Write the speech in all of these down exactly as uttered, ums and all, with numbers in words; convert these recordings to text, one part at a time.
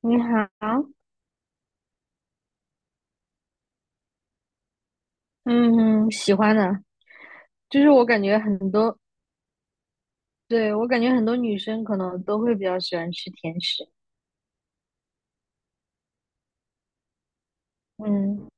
你好，嗯，喜欢的，就是我感觉很多，对，我感觉很多女生可能都会比较喜欢吃甜食。嗯，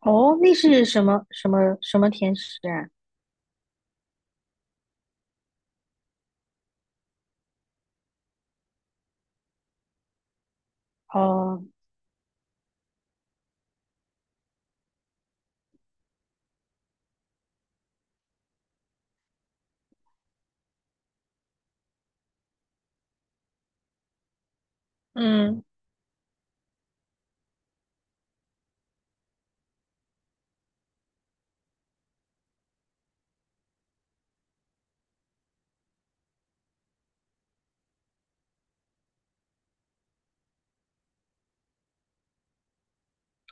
哦，那是什么什么什么甜食啊？哦，嗯，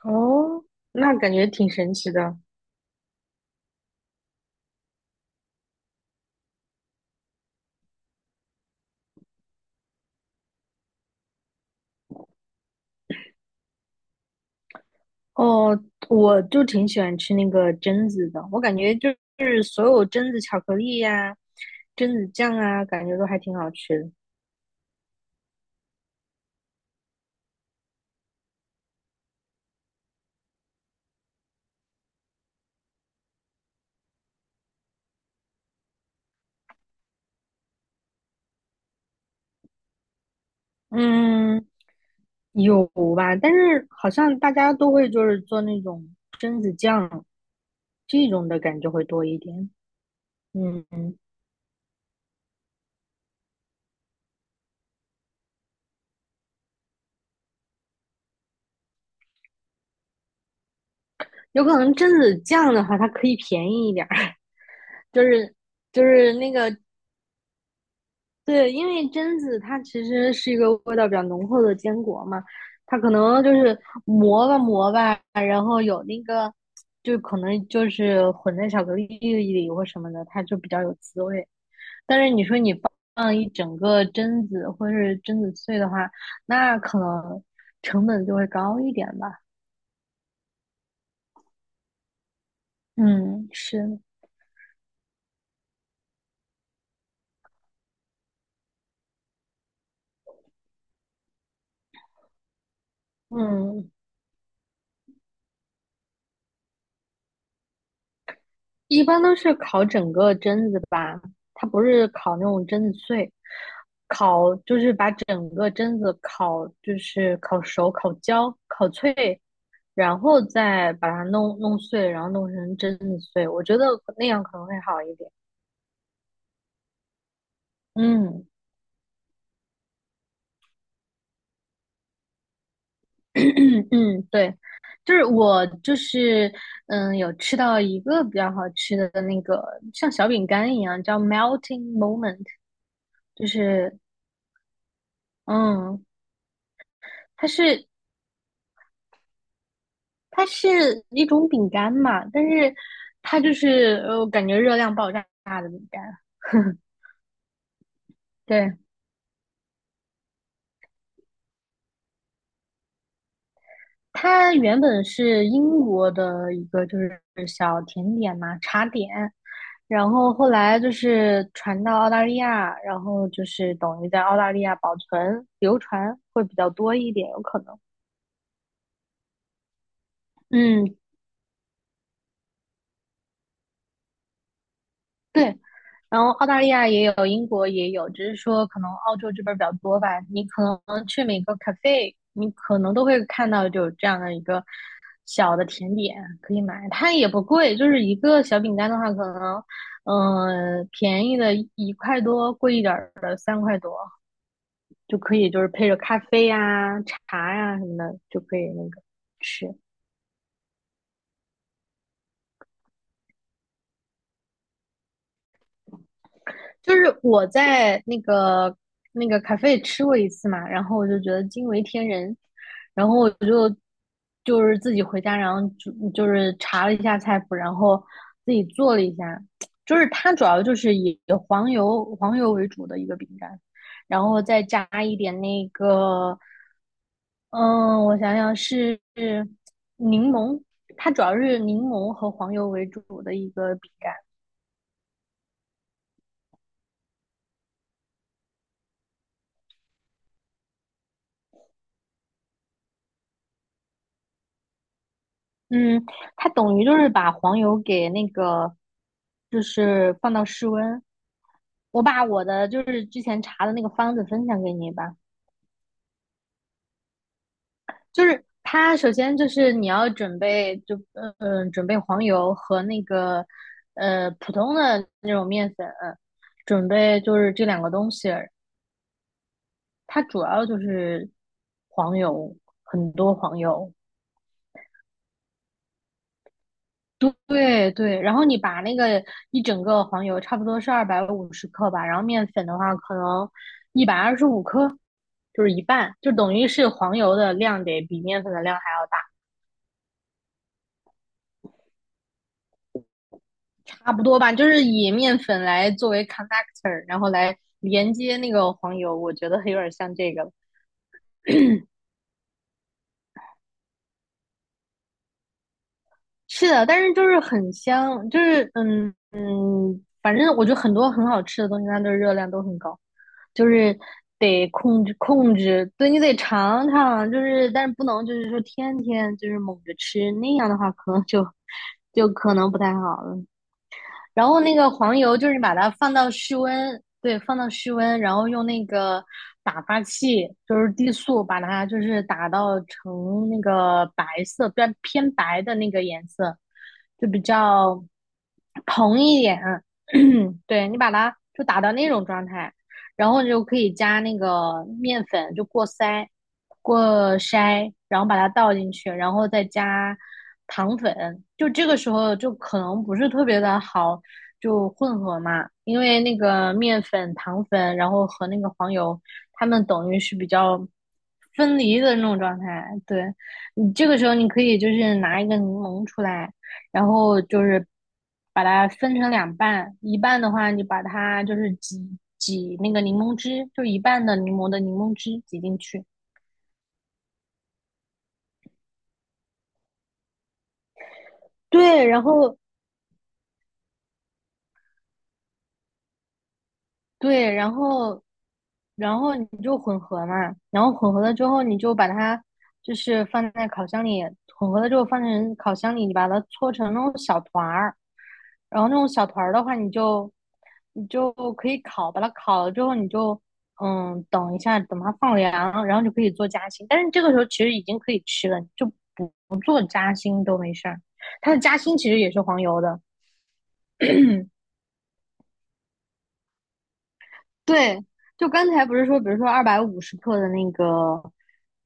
哦，那感觉挺神奇的。哦，我就挺喜欢吃那个榛子的，我感觉就是所有榛子巧克力呀、榛子酱啊，感觉都还挺好吃的。嗯，有吧，但是好像大家都会就是做那种榛子酱这种的感觉会多一点。嗯，有可能榛子酱的话，它可以便宜一点儿，就是就是那个对，因为榛子它其实是一个味道比较浓厚的坚果嘛，它可能就是磨吧磨吧，然后有那个就可能就是混在巧克力里或什么的，它就比较有滋味。放一整个榛子或是榛子碎的话，那可能成本就会高一点吧。嗯，是，嗯，一般都是烤整个榛子吧，它不是烤那种榛子碎，烤就是把整个榛子烤，就是烤熟、烤焦、烤脆，然后再把它弄弄碎，然后弄成榛子碎。我觉得那样可能会好一点。嗯。嗯，对，就是我就是嗯，有吃到一个比较好吃的那个像小饼干一样，叫 melting moment，就是嗯，它是它是一种饼干嘛，但是它就是呃，我感觉热量爆炸。饼干，对，它原本是英国的一个就是小甜点嘛，茶点，然后后来就是传到澳大利亚，然后就是等于在澳大利亚保存流传会比较多一点，有可能。嗯，对，然后澳大利亚也有，英国也有，只是说可能澳洲这边儿比较多吧。你可能去每个 cafe，你可能都会看到有这样的一个小的甜点可以买，它也不贵，就是一个小饼干的话，可能嗯、呃便宜的一块多，贵一点儿的三块多就可以，就是配着咖啡呀、茶呀、什么的就可以那个吃。就是我在那个那个咖啡吃过一次嘛，然后我就觉得惊为天人，然后我就就是自己回家，然后就就是查了一下菜谱，然后自己做了一下，就是它主要就是以黄油黄油为主的一个饼干，然后再加一点那个，嗯，我想想是是柠檬，它主要是柠檬和黄油为主的一个饼干。嗯，它等于就是把黄油给那个，就是放到室温。我把我的就是之前查的那个方子分享给你吧。就是它首先就是你要准备就嗯、嗯，准备黄油和那个呃普通的那种面粉，准备就是这两个东西。它主要就是黄油，很多黄油。对对，然后你把那个一整个黄油差不多是二百五十克吧，然后面粉的话可能一百二十五克，就是一半，就等于是黄油的量得比面粉的量还要差不多吧，就是以面粉来作为 c o n n e c t o r 然后来连接那个黄油，我觉得有点像这个。是的，但是就是很香，就是嗯，嗯，反正我觉得很多很好吃的东西，它的热量都很高，就是得控制控制，对你得尝尝，就是但是不能就是说天天就是猛着吃，那样的话可能就就可能不太好了。然后那个黄油就是把它放到室温，对，放到室温，然后用那个打发器，就是低速，把它就是打到成那个白色，比较偏白的那个颜色，就比较蓬一点。对，你把它就打到那种状态，然后你就可以加那个面粉，就过筛，过筛，然后把它倒进去，然后再加糖粉，就这个时候就可能不是特别的好，就混合嘛，因为那个面粉、糖粉，然后和那个黄油，它们等于是比较分离的那种状态。对，你这个时候你可以就是拿一个柠檬出来，然后就是把它分成两半，一半的话你把它就是挤挤那个柠檬汁，就一半的柠檬的柠檬汁挤进去，对，然后对，然后然后你就混合嘛，然后混合了之后，你就把它就是放在烤箱里，混合了之后放成烤箱里，你把它搓成那种小团儿，然后那种小团儿的话，你就你就可以烤，把它烤了之后，你就嗯等一下，等它放凉，然后就可以做夹心。但是这个时候其实已经可以吃了，就不不做夹心都没事儿。它的夹心其实也是黄油的。对，就刚才不是说，比如说二百五十克的那个，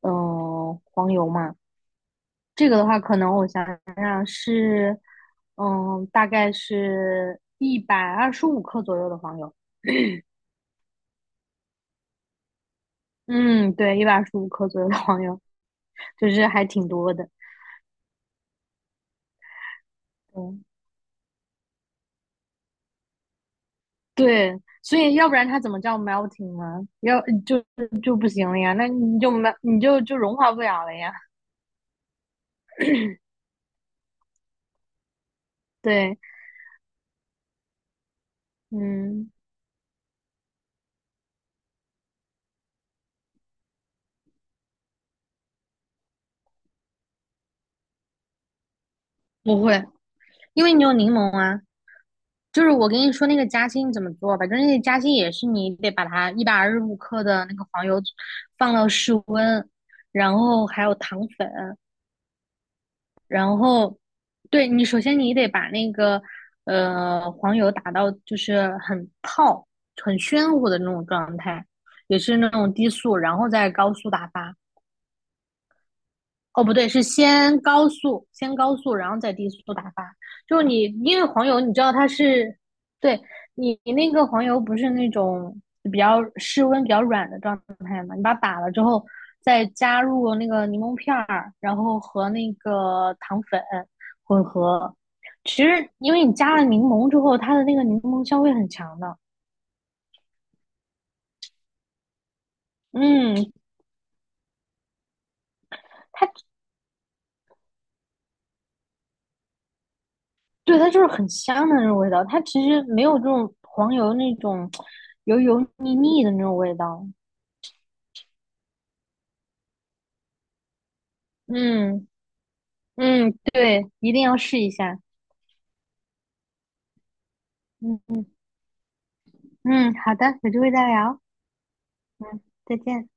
嗯、黄油嘛，这个的话，可能我想想是，嗯、大概是一百二十五克左右的黄油。嗯，对，一百二十五克左右的黄油，就是还挺多的。嗯，对，所以要不然它怎么叫 melting 呢？要就就不行了呀，那你就没你就就融化不了了呀。对，嗯，不会，因为你有柠檬啊。就是我跟你说那个夹心怎么做吧，就是那个夹心也是你得把它一百二十五克的那个黄油放到室温，然后还有糖粉，然后对你首先你得把那个呃黄油打到就是很泡、很暄乎的那种状态，也是那种低速，然后再高速打发。哦，不对，是先高速，先高速，然后再低速打发。就是你，因为黄油，你知道它是，对，你你那个黄油不是那种比较室温比较软的状态嘛？你把它打了之后，再加入那个柠檬片儿，然后和那个糖粉混合。其实，因为你加了柠檬之后，它的那个柠檬香味很强的。嗯，它对，它就是很香的那种味道，它其实没有这种黄油那种油油腻腻的那种味道。嗯嗯，对，一定要试一下。嗯嗯嗯，好的，有机会再聊。嗯，再见。